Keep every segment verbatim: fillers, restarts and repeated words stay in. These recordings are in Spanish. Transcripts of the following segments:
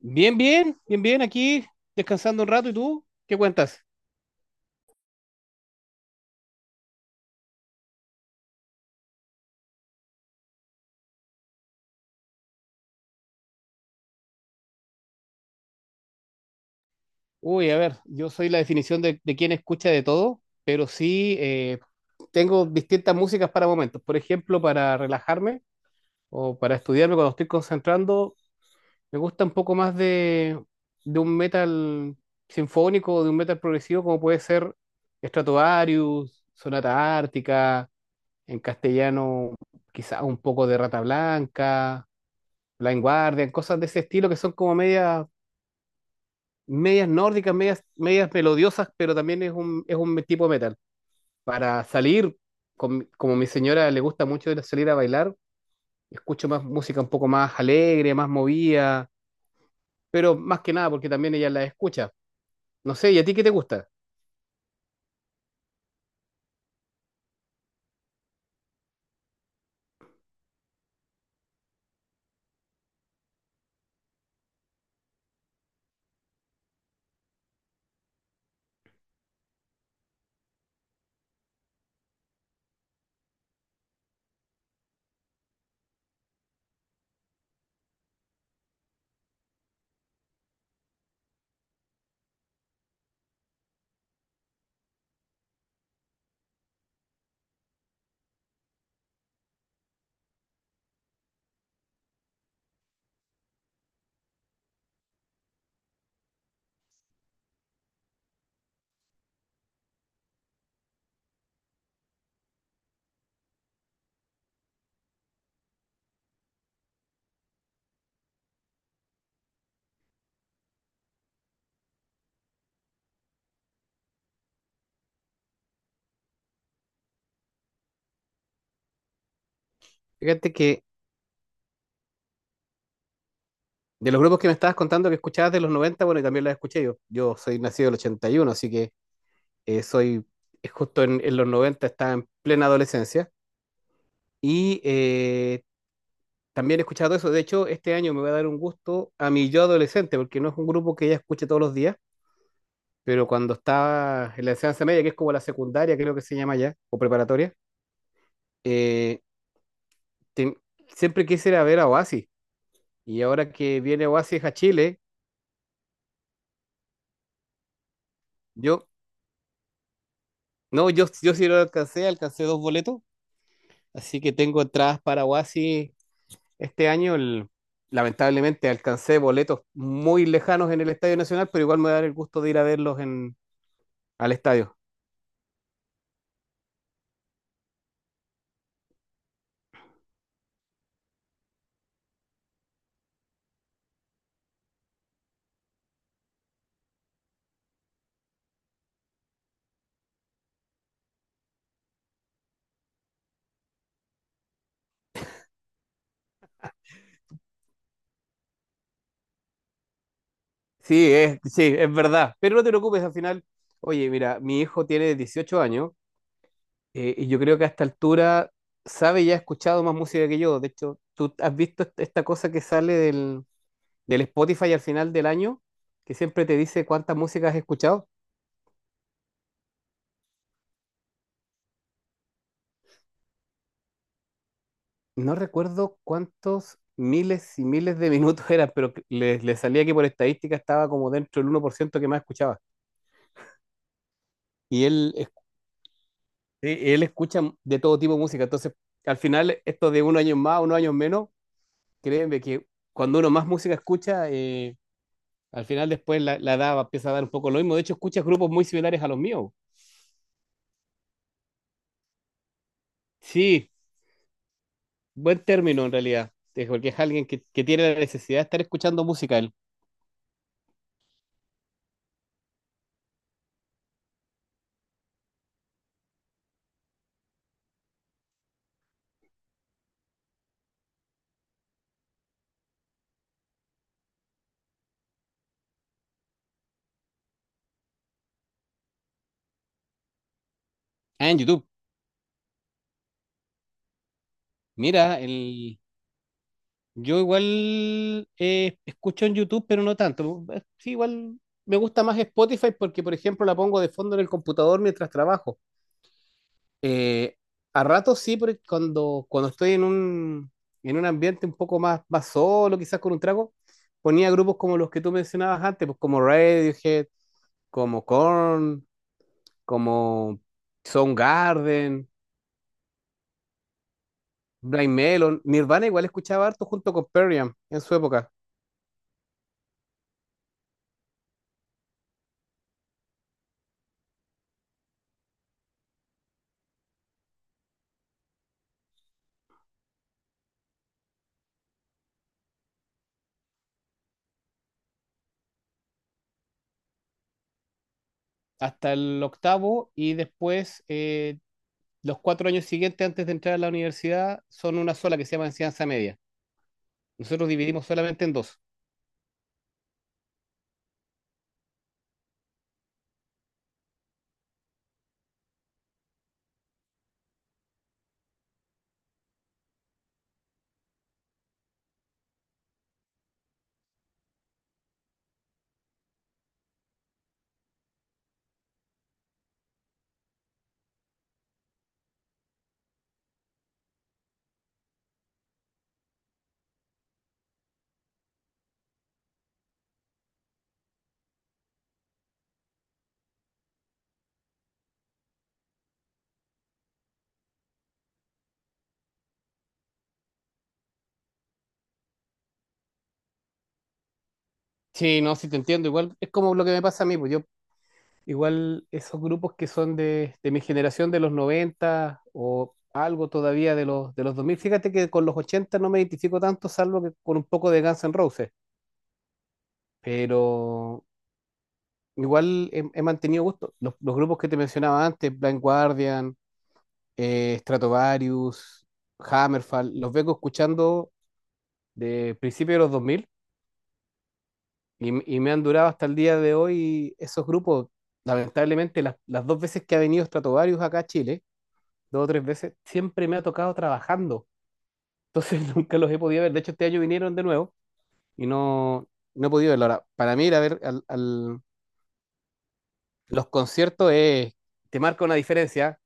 Bien, bien, bien, bien, aquí descansando un rato. ¿Y tú? ¿Qué cuentas? Uy, a ver, yo soy la definición de, de quien escucha de todo, pero sí, eh, tengo distintas músicas para momentos. Por ejemplo, para relajarme o para estudiarme cuando estoy concentrando, me gusta un poco más de, de un metal sinfónico o de un metal progresivo, como puede ser Stratovarius, Sonata Ártica, en castellano quizá un poco de Rata Blanca, Blind Guardian, cosas de ese estilo que son como medias, medias nórdicas, medias, medias melodiosas, pero también es un, es un tipo de metal. Para salir, con- mi- como mi señora le gusta mucho ir a salir a bailar, escucho más música un poco más alegre, más movida, pero más que nada porque también ella la escucha. No sé, ¿y a ti qué te gusta? Fíjate que de los grupos que me estabas contando que escuchabas de los noventa, bueno, y también las escuché yo. Yo soy nacido del ochenta y uno, así que eh, soy, es justo en, en, los noventa estaba en plena adolescencia. Y eh, también he escuchado eso. De hecho, este año me voy a dar un gusto a mi yo adolescente, porque no es un grupo que ya escuche todos los días, pero cuando estaba en la enseñanza media, que es como la secundaria, creo que se llama ya, o preparatoria, eh, te- siempre quise ir a ver a Oasis. Y ahora que viene Oasis a Chile, yo, no, yo, yo sí lo alcancé, alcancé dos boletos, así que tengo entradas para Oasis este año. El- lamentablemente alcancé boletos muy lejanos en el Estadio Nacional, pero igual me voy a dar el gusto de ir a verlos en, al estadio. Sí, es, sí, es verdad. Pero no te preocupes, al final, oye, mira, mi hijo tiene dieciocho años, eh, y yo creo que a esta altura sabe y ha escuchado más música que yo. De hecho, tú has visto est- esta cosa que sale del, del Spotify al final del año, que siempre te dice cuánta música has escuchado. No recuerdo cuántos miles y miles de minutos eran, pero que le, le salía que por estadística estaba como dentro del uno por ciento que más escuchaba. Y él, es- sí, él escucha de todo tipo de música. Entonces, al final, esto de unos años más, unos años menos, créeme que cuando uno más música escucha, eh, al final después la, la edad va- empieza a dar un poco lo mismo. De hecho, escuchas grupos muy similares a los míos. Sí, buen término en realidad, eh, porque es alguien que, que tiene la necesidad de estar escuchando música en, ah, en YouTube. Mira, el, yo igual eh, escucho en YouTube, pero no tanto. Eh, Sí, igual me gusta más Spotify porque, por ejemplo, la pongo de fondo en el computador mientras trabajo. Eh, a ratos sí, porque cuando, cuando estoy en un, en un ambiente un poco más, más solo, quizás con un trago, ponía grupos como los que tú mencionabas antes, pues como Radiohead, como Korn, como Soundgarden, Blind Melon. Nirvana igual escuchaba harto junto con Perriam en su época, hasta el octavo y después eh, los cuatro años siguientes antes de entrar a la universidad son una sola que se llama enseñanza media. Nosotros dividimos solamente en dos. Sí, no, sí te entiendo. Igual es como lo que me pasa a mí, pues yo, igual esos grupos que son de, de mi generación de los noventa o algo todavía de los, de los dos mil. Fíjate que con los ochenta no me identifico tanto, salvo que con un poco de Guns N' Roses, pero igual he, he mantenido gusto. Los, los grupos que te mencionaba antes, Blind Guardian, eh, Stratovarius, Hammerfall, los vengo escuchando de principios de los dos mil. Y, y me han durado hasta el día de hoy esos grupos. Lamentablemente, las, las dos veces que ha venido Stratovarius acá a Chile, dos o tres veces, siempre me ha tocado trabajando. Entonces nunca los he podido ver. De hecho, este año vinieron de nuevo y no, no he podido verlo. Ahora, para mí ir a ver al- al- los conciertos es, te marca una diferencia.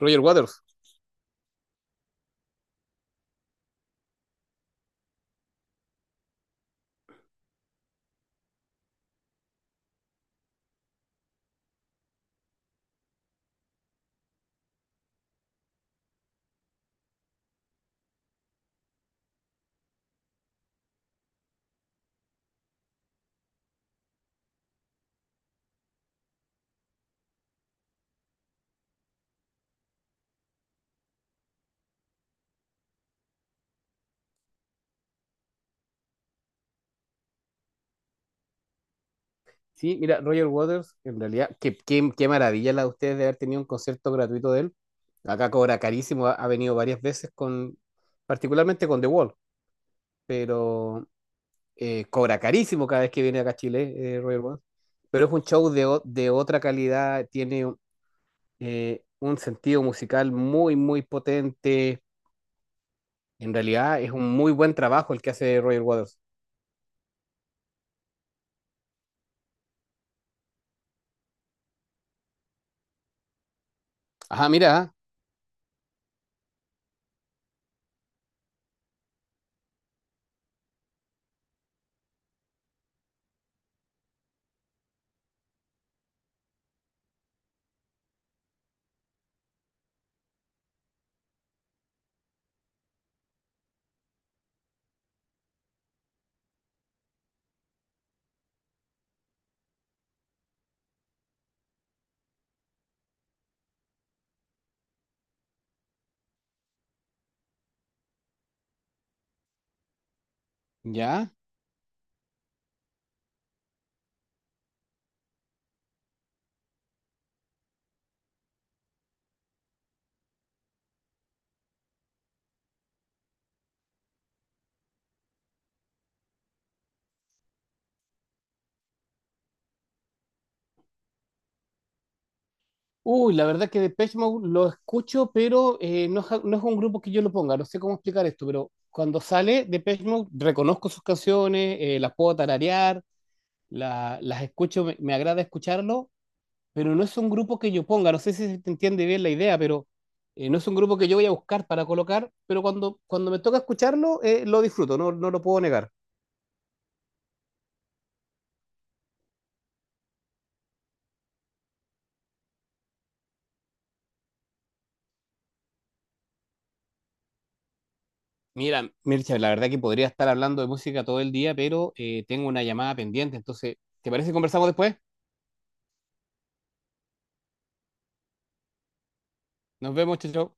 Roger Waters. Sí, mira, Roger Waters, en realidad, qué, qué, qué maravilla la de ustedes de haber tenido un concierto gratuito de él. Acá cobra carísimo, ha, ha venido varias veces con, particularmente con The Wall. Pero eh, cobra carísimo cada vez que viene acá a Chile, eh, Roger Waters. Pero es un show de, o- de otra calidad, tiene eh, un sentido musical muy, muy potente. En realidad es un muy buen trabajo el que hace Roger Waters. Ajá, mira, ya. Uy, la verdad que Depeche Mode lo escucho, pero eh, no, es, ja, no es un grupo que yo lo ponga, no sé cómo explicar esto, pero cuando sale Depeche Mode reconozco sus canciones, eh, las puedo tararear, la- las escucho, me, me agrada escucharlo, pero no es un grupo que yo ponga, no sé si se te entiende bien la idea, pero eh, no es un grupo que yo voy a buscar para colocar, pero cuando, cuando me toca escucharlo, eh, lo disfruto, no, no lo puedo negar. Mira, Mircha, la verdad que podría estar hablando de música todo el día, pero eh, tengo una llamada pendiente, entonces, ¿te parece que conversamos después? Nos vemos, chao. Chao.